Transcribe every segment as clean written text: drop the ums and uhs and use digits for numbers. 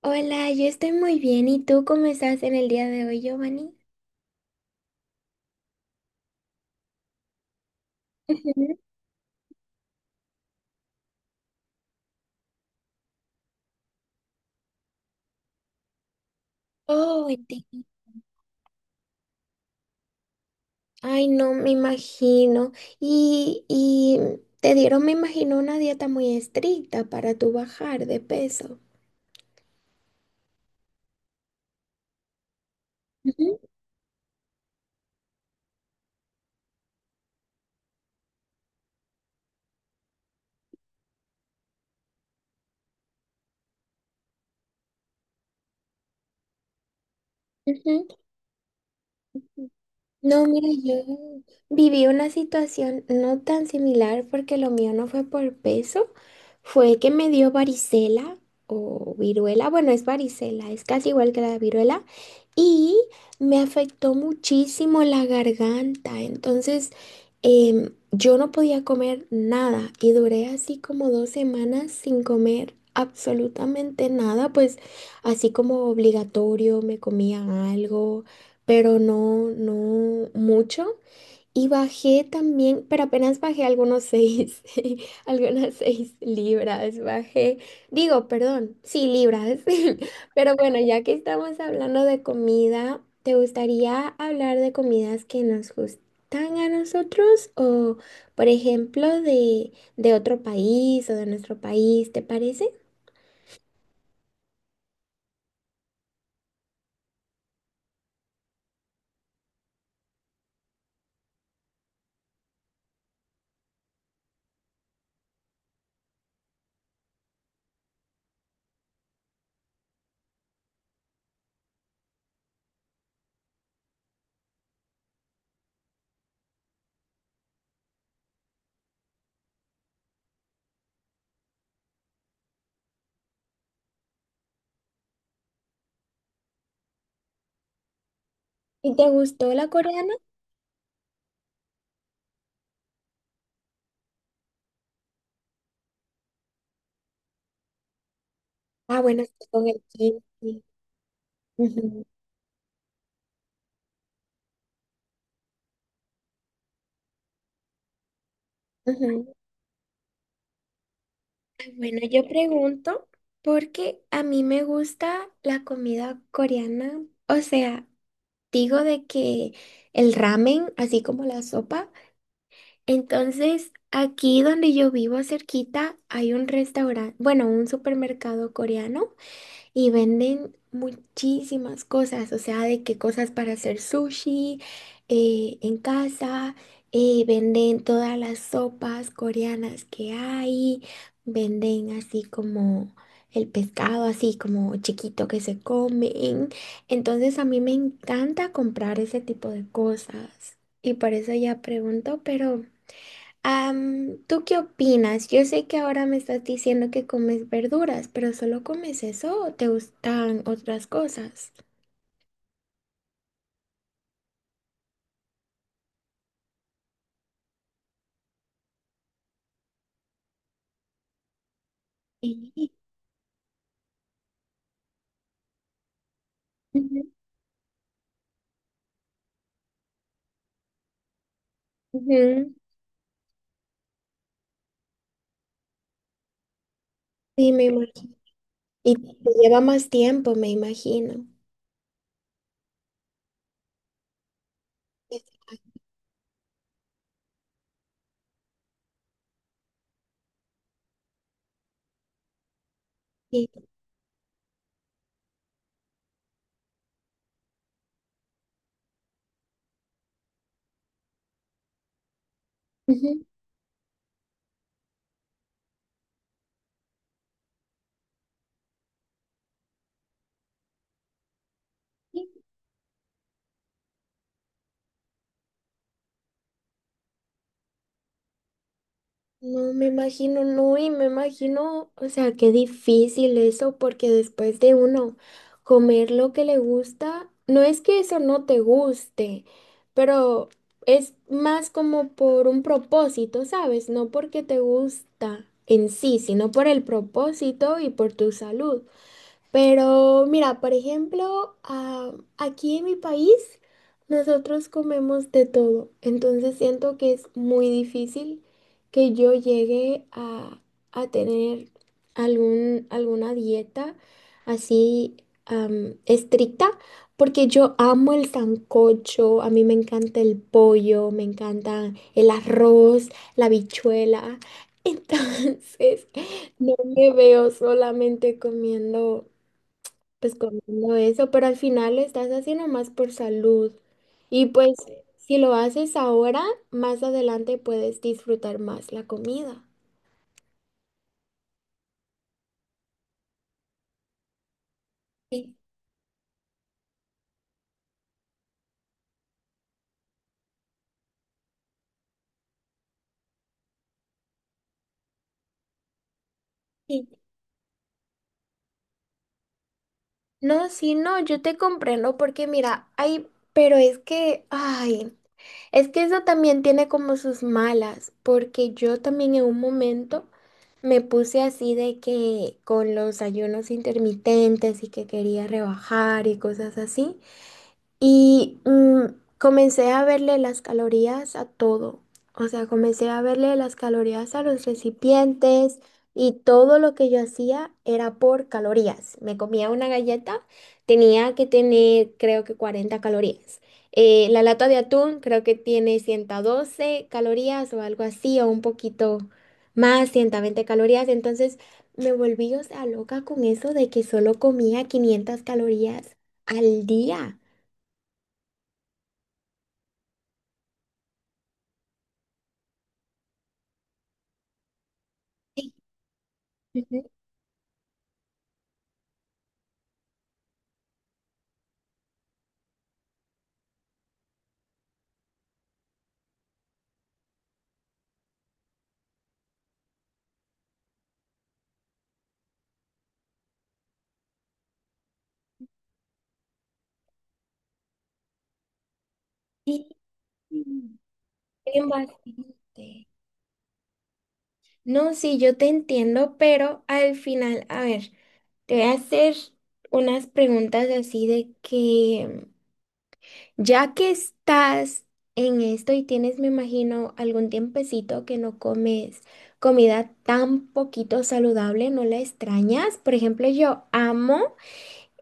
Hola, yo estoy muy bien. ¿Y tú cómo estás en el día de hoy, Giovanni? Ujú. Oh, entiendo. Ay, no, me imagino. Y te dieron, me imagino, una dieta muy estricta para tu bajar de peso. Ujú. Ujú. No, mira, yo viví una situación no tan similar porque lo mío no fue por peso, fue que me dio varicela o viruela, bueno, es varicela, es casi igual que la viruela, y me afectó muchísimo la garganta, entonces yo no podía comer nada y duré así como 2 semanas sin comer absolutamente nada, pues así como obligatorio me comía algo pero no mucho. Y bajé también, pero apenas bajé algunos seis, algunas 6 libras, bajé, digo, perdón, sí, libras. Pero bueno, ya que estamos hablando de comida, ¿te gustaría hablar de comidas que nos gustan a nosotros o, por ejemplo, de otro país o de nuestro país, te parece? ¿Y te gustó la coreana? Ah, bueno, sí, con el kimchi. Ujú, ujú. Bueno, yo pregunto porque a mí me gusta la comida coreana. O sea, digo de que el ramen, así como la sopa. Entonces, aquí donde yo vivo cerquita hay un restaurante, bueno, un supermercado coreano y venden muchísimas cosas, o sea, de qué cosas para hacer sushi en casa, venden todas las sopas coreanas que hay, venden así como el pescado, así como chiquito que se comen. Entonces a mí me encanta comprar ese tipo de cosas y por eso ya pregunto, pero... ¿tú qué opinas? Yo sé que ahora me estás diciendo que comes verduras, pero ¿solo comes eso o te gustan otras cosas? Sí. Ujú. Ujú. Sí, me imagino. Y te lleva más tiempo, me imagino. Exacto. Sí. Ujú. No me imagino, no, y me imagino, o sea, qué difícil eso, porque después de uno comer lo que le gusta, no es que eso no te guste, pero es más como por un propósito, ¿sabes? No porque te gusta en sí, sino por el propósito y por tu salud. Pero mira, por ejemplo, ah, aquí en mi país nosotros comemos de todo, entonces siento que es muy difícil que yo llegue a tener algún, alguna dieta así estricta, porque yo amo el sancocho, a mí me encanta el pollo, me encanta el arroz, la habichuela, entonces no me veo solamente comiendo pues comiendo eso, pero al final lo estás haciendo más por salud. Y pues si lo haces ahora, más adelante puedes disfrutar más la comida. Sí, sí. No, sí, no, yo te comprendo porque mira, ay, pero es que, ay, es que eso también tiene como sus malas, porque yo también en un momento me puse así de que con los ayunos intermitentes y que quería rebajar y cosas así. Y comencé a verle las calorías a todo. O sea, comencé a verle las calorías a los recipientes y todo lo que yo hacía era por calorías. Me comía una galleta, tenía que tener creo que 40 calorías. La lata de atún creo que tiene 112 calorías o algo así, o un poquito más, 120 calorías. Entonces me volví, o sea, loca con eso de que solo comía 500 calorías al día. Ujú. Sí, bien bastante. No, sí, yo te entiendo, pero al final, a ver, te voy a hacer unas preguntas así de que, ya que estás en esto y tienes, me imagino, algún tiempecito que no comes comida tan poquito saludable, ¿no la extrañas? Por ejemplo,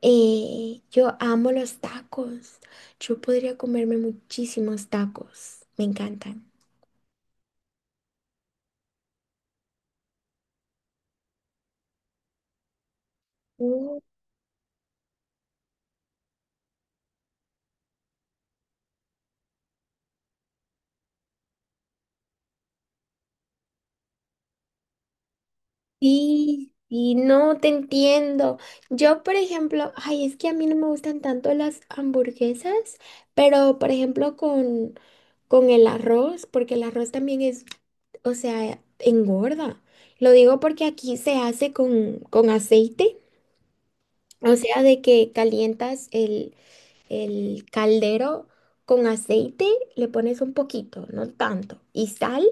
yo amo los tacos. Yo podría comerme muchísimos tacos. Me encantan. Sí, y no te entiendo. Yo, por ejemplo, ay, es que a mí no me gustan tanto las hamburguesas, pero por ejemplo con el arroz, porque el arroz también es, o sea, engorda. Lo digo porque aquí se hace con aceite, o sea, de que calientas el caldero con aceite, le pones un poquito, no tanto, y sal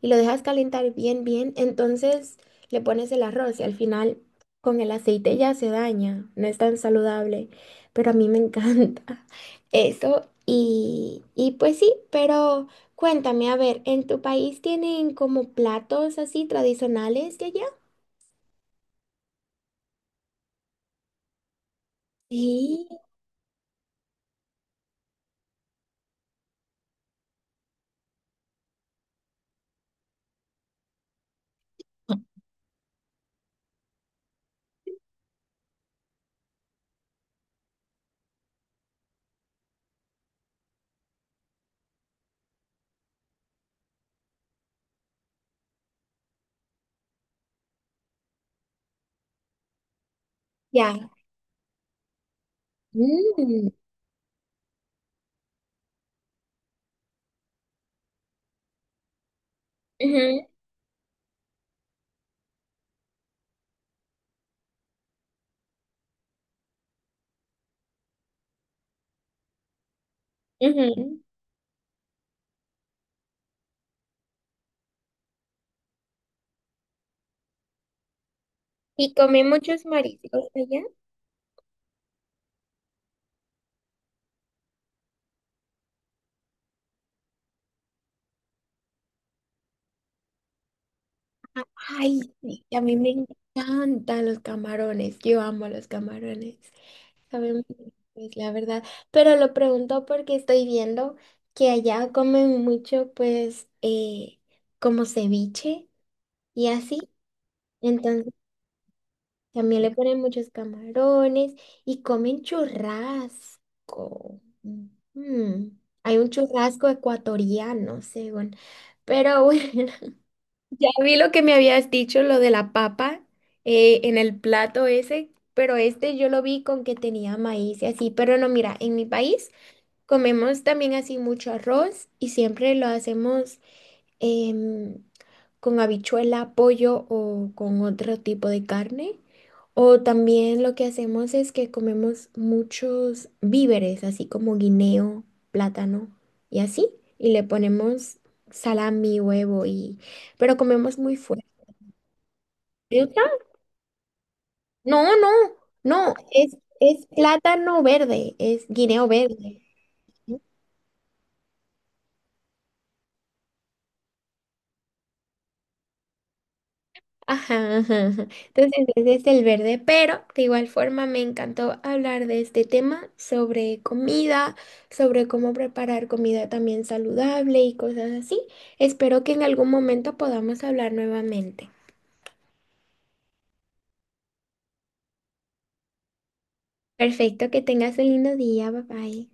y lo dejas calentar bien, bien. Entonces le pones el arroz y al final con el aceite ya se daña, no es tan saludable, pero a mí me encanta eso. Y pues sí, pero cuéntame, a ver, ¿en tu país tienen como platos así tradicionales de allá? Sí, ya. Mm, ujú, ujú. Y comí muchos mariscos allá. Ay, sí, a mí me encantan los camarones, yo amo los camarones, saben, pues la verdad, pero lo pregunto porque estoy viendo que allá comen mucho, pues, como ceviche y así, entonces también le ponen muchos camarones y comen churrasco. Mm, hay un churrasco ecuatoriano, según, pero bueno, ya vi lo que me habías dicho, lo de la papa en el plato ese, pero este yo lo vi con que tenía maíz y así, pero no, mira, en mi país comemos también así mucho arroz y siempre lo hacemos em, con habichuela, pollo o con otro tipo de carne. O también lo que hacemos es que comemos muchos víveres, así como guineo, plátano y así, y le ponemos salami, huevo y... pero comemos muy fuerte. ¿Fruta? No, no, no, es plátano verde, es guineo verde. Ajá, ajá, ajá. Entonces, ese es el verde, pero de igual forma me encantó hablar de este tema sobre comida, sobre cómo preparar comida también saludable y cosas así. Espero que en algún momento podamos hablar nuevamente. Perfecto, que tengas un lindo día, bye bye.